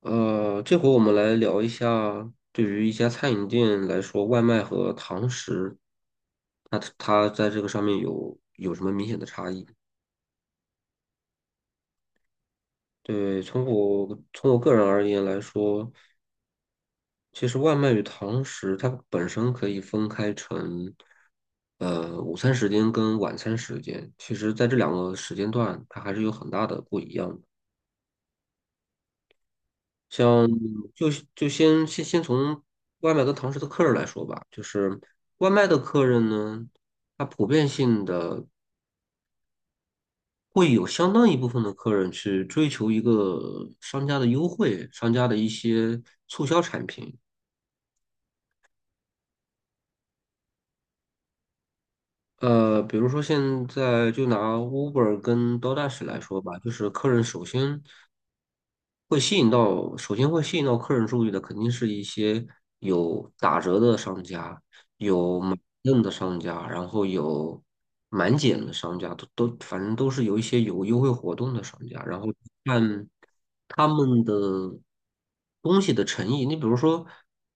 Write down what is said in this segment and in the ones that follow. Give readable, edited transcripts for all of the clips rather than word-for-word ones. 这回我们来聊一下，对于一家餐饮店来说，外卖和堂食，它在这个上面有什么明显的差异？对，从我个人而言来说，其实外卖与堂食它本身可以分开成，午餐时间跟晚餐时间，其实在这两个时间段，它还是有很大的不一样的。像就是就先先先从外卖跟堂食的客人来说吧，就是外卖的客人呢，他普遍性的会有相当一部分的客人去追求一个商家的优惠，商家的一些促销产品。比如说现在就拿 Uber 跟 DOOASH 来说吧，就是客人首先会吸引到，首先会吸引到客人注意的，肯定是一些有打折的商家，有满赠的商家，然后有满减的商家，都反正都是有一些有优惠活动的商家，然后看他们的东西的诚意。你比如说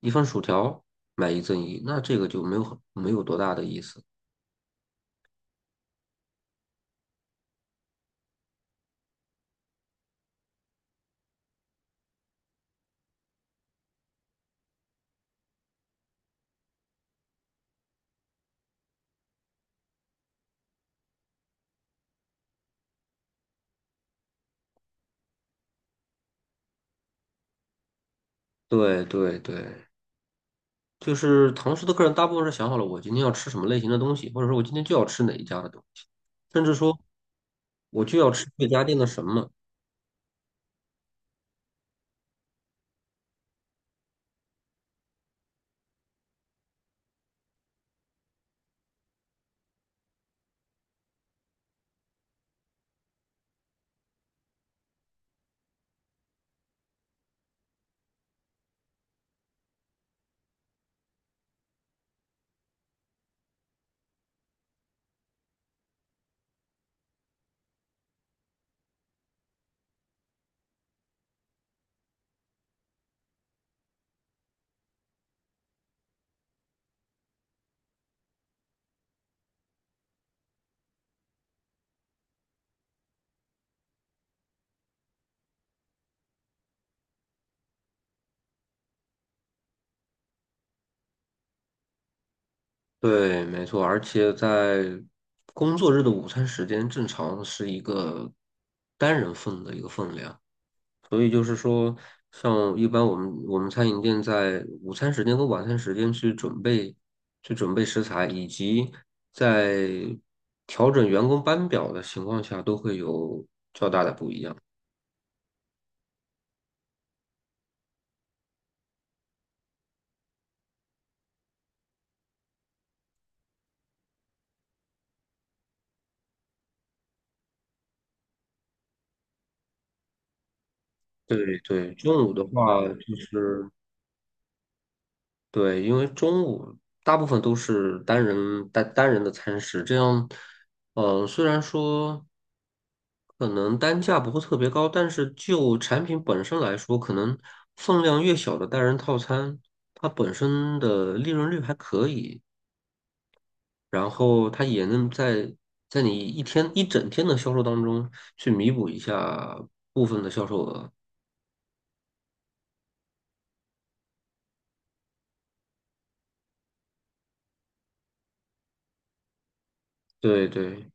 一份薯条买一赠一，那这个就没有多大的意思。对对对，就是堂食的客人大部分是想好了我今天要吃什么类型的东西，或者说我今天就要吃哪一家的东西，甚至说我就要吃这家店的什么。对，没错，而且在工作日的午餐时间正常是一个单人份的一个分量，所以就是说，像一般我们餐饮店在午餐时间和晚餐时间去准备食材，以及在调整员工班表的情况下，都会有较大的不一样。对对，中午的话就是对，因为中午大部分都是单人的餐食，这样，虽然说可能单价不会特别高，但是就产品本身来说，可能分量越小的单人套餐，它本身的利润率还可以，然后它也能在你一天一整天的销售当中去弥补一下部分的销售额。对对。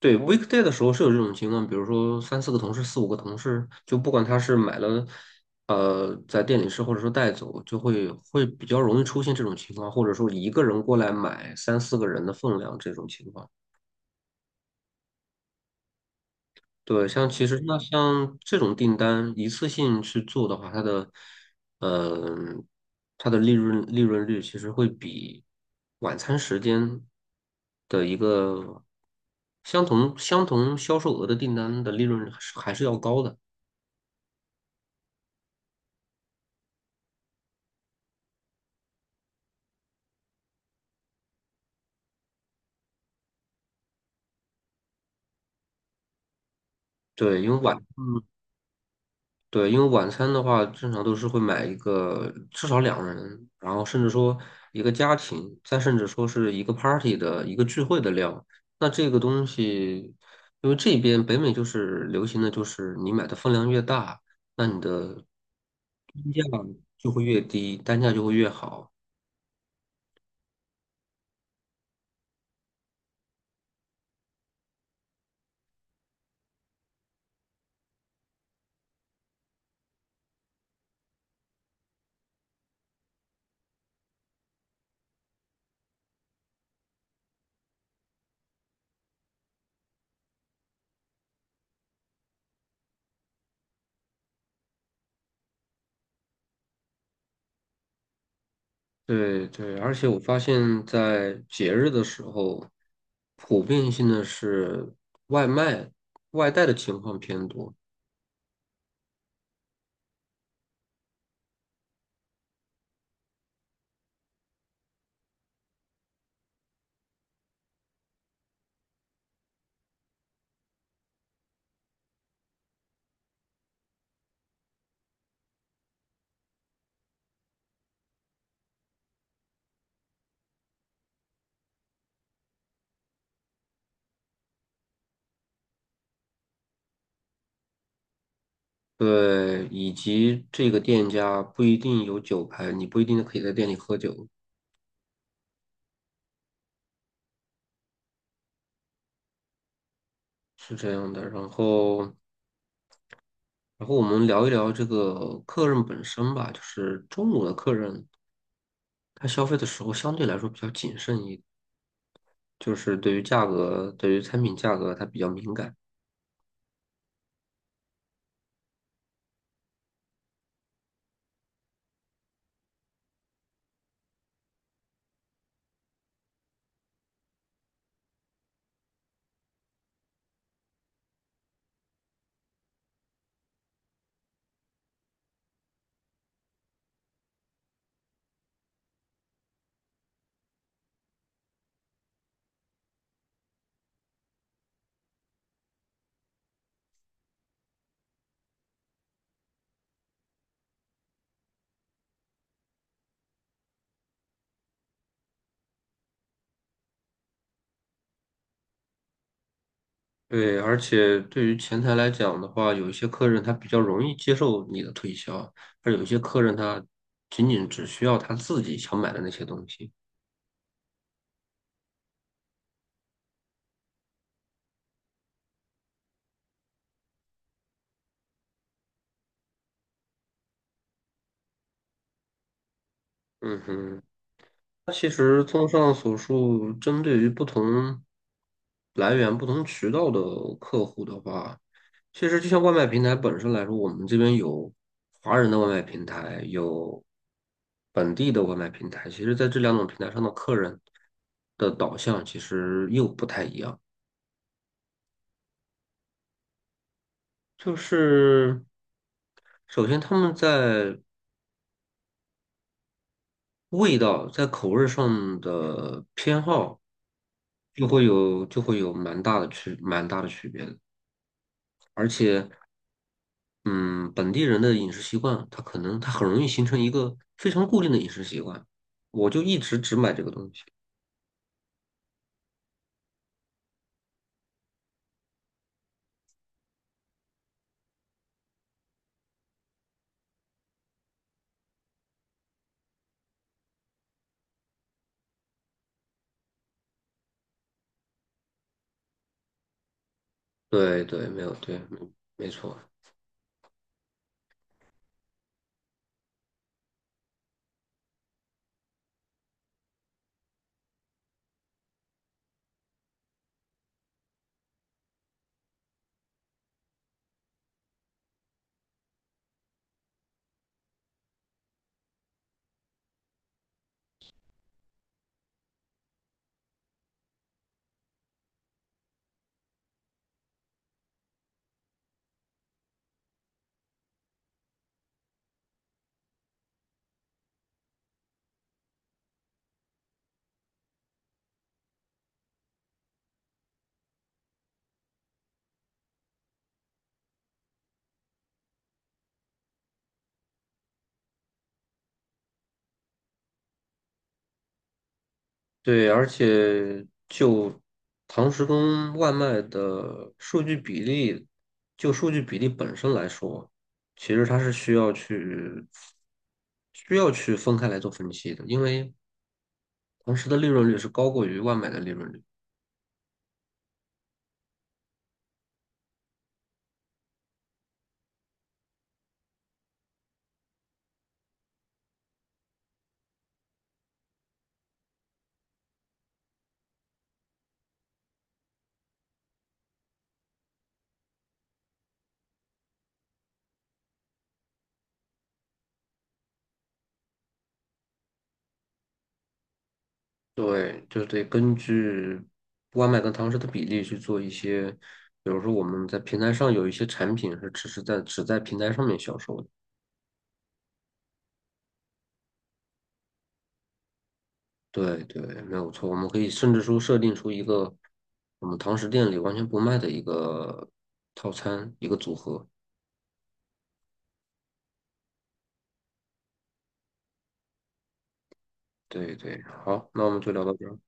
对 weekday 的时候是有这种情况，比如说三四个同事、四五个同事，就不管他是买了，在店里吃或者说带走，就会比较容易出现这种情况，或者说一个人过来买三四个人的分量这种情况。对，像其实那像这种订单一次性去做的话，它的，嗯、它的利润率其实会比晚餐时间的一个相同销售额的订单的利润还是要高的。对，因为晚对，因为晚餐的话，正常都是会买一个至少两人，然后甚至说一个家庭，再甚至说是一个 party 的一个聚会的量。那这个东西，因为这边北美就是流行的就是你买的分量越大，那你的单价就会越低，单价就会越好。对对，而且我发现，在节日的时候，普遍性的是外卖、外带的情况偏多。对，以及这个店家不一定有酒牌，你不一定可以在店里喝酒，是这样的。然后，然后我们聊一聊这个客人本身吧，就是中午的客人，他消费的时候相对来说比较谨慎一，就是对于价格，对于产品价格他比较敏感。对，而且对于前台来讲的话，有一些客人他比较容易接受你的推销，而有一些客人他仅仅只需要他自己想买的那些东西。嗯哼。那其实综上所述，针对于不同来源、不同渠道的客户的话，其实就像外卖平台本身来说，我们这边有华人的外卖平台，有本地的外卖平台。其实，在这两种平台上的客人的导向其实又不太一样。就是首先他们在味道在口味上的偏好就会有蛮大的区别的。嗯，本地人的饮食习惯，他可能他很容易形成一个非常固定的饮食习惯。我就一直只买这个东西。对对，没错。对，而且就堂食跟外卖的数据比例，就数据比例本身来说，其实它是需要去分开来做分析的，因为堂食的利润率是高过于外卖的利润率。对，就得根据外卖跟堂食的比例去做一些，比如说我们在平台上有一些产品是只在平台上面销售的。对对，没有错。我们可以甚至说设定出一个我们堂食店里完全不卖的一个套餐，一个组合。对对，好，那我们就聊到这儿。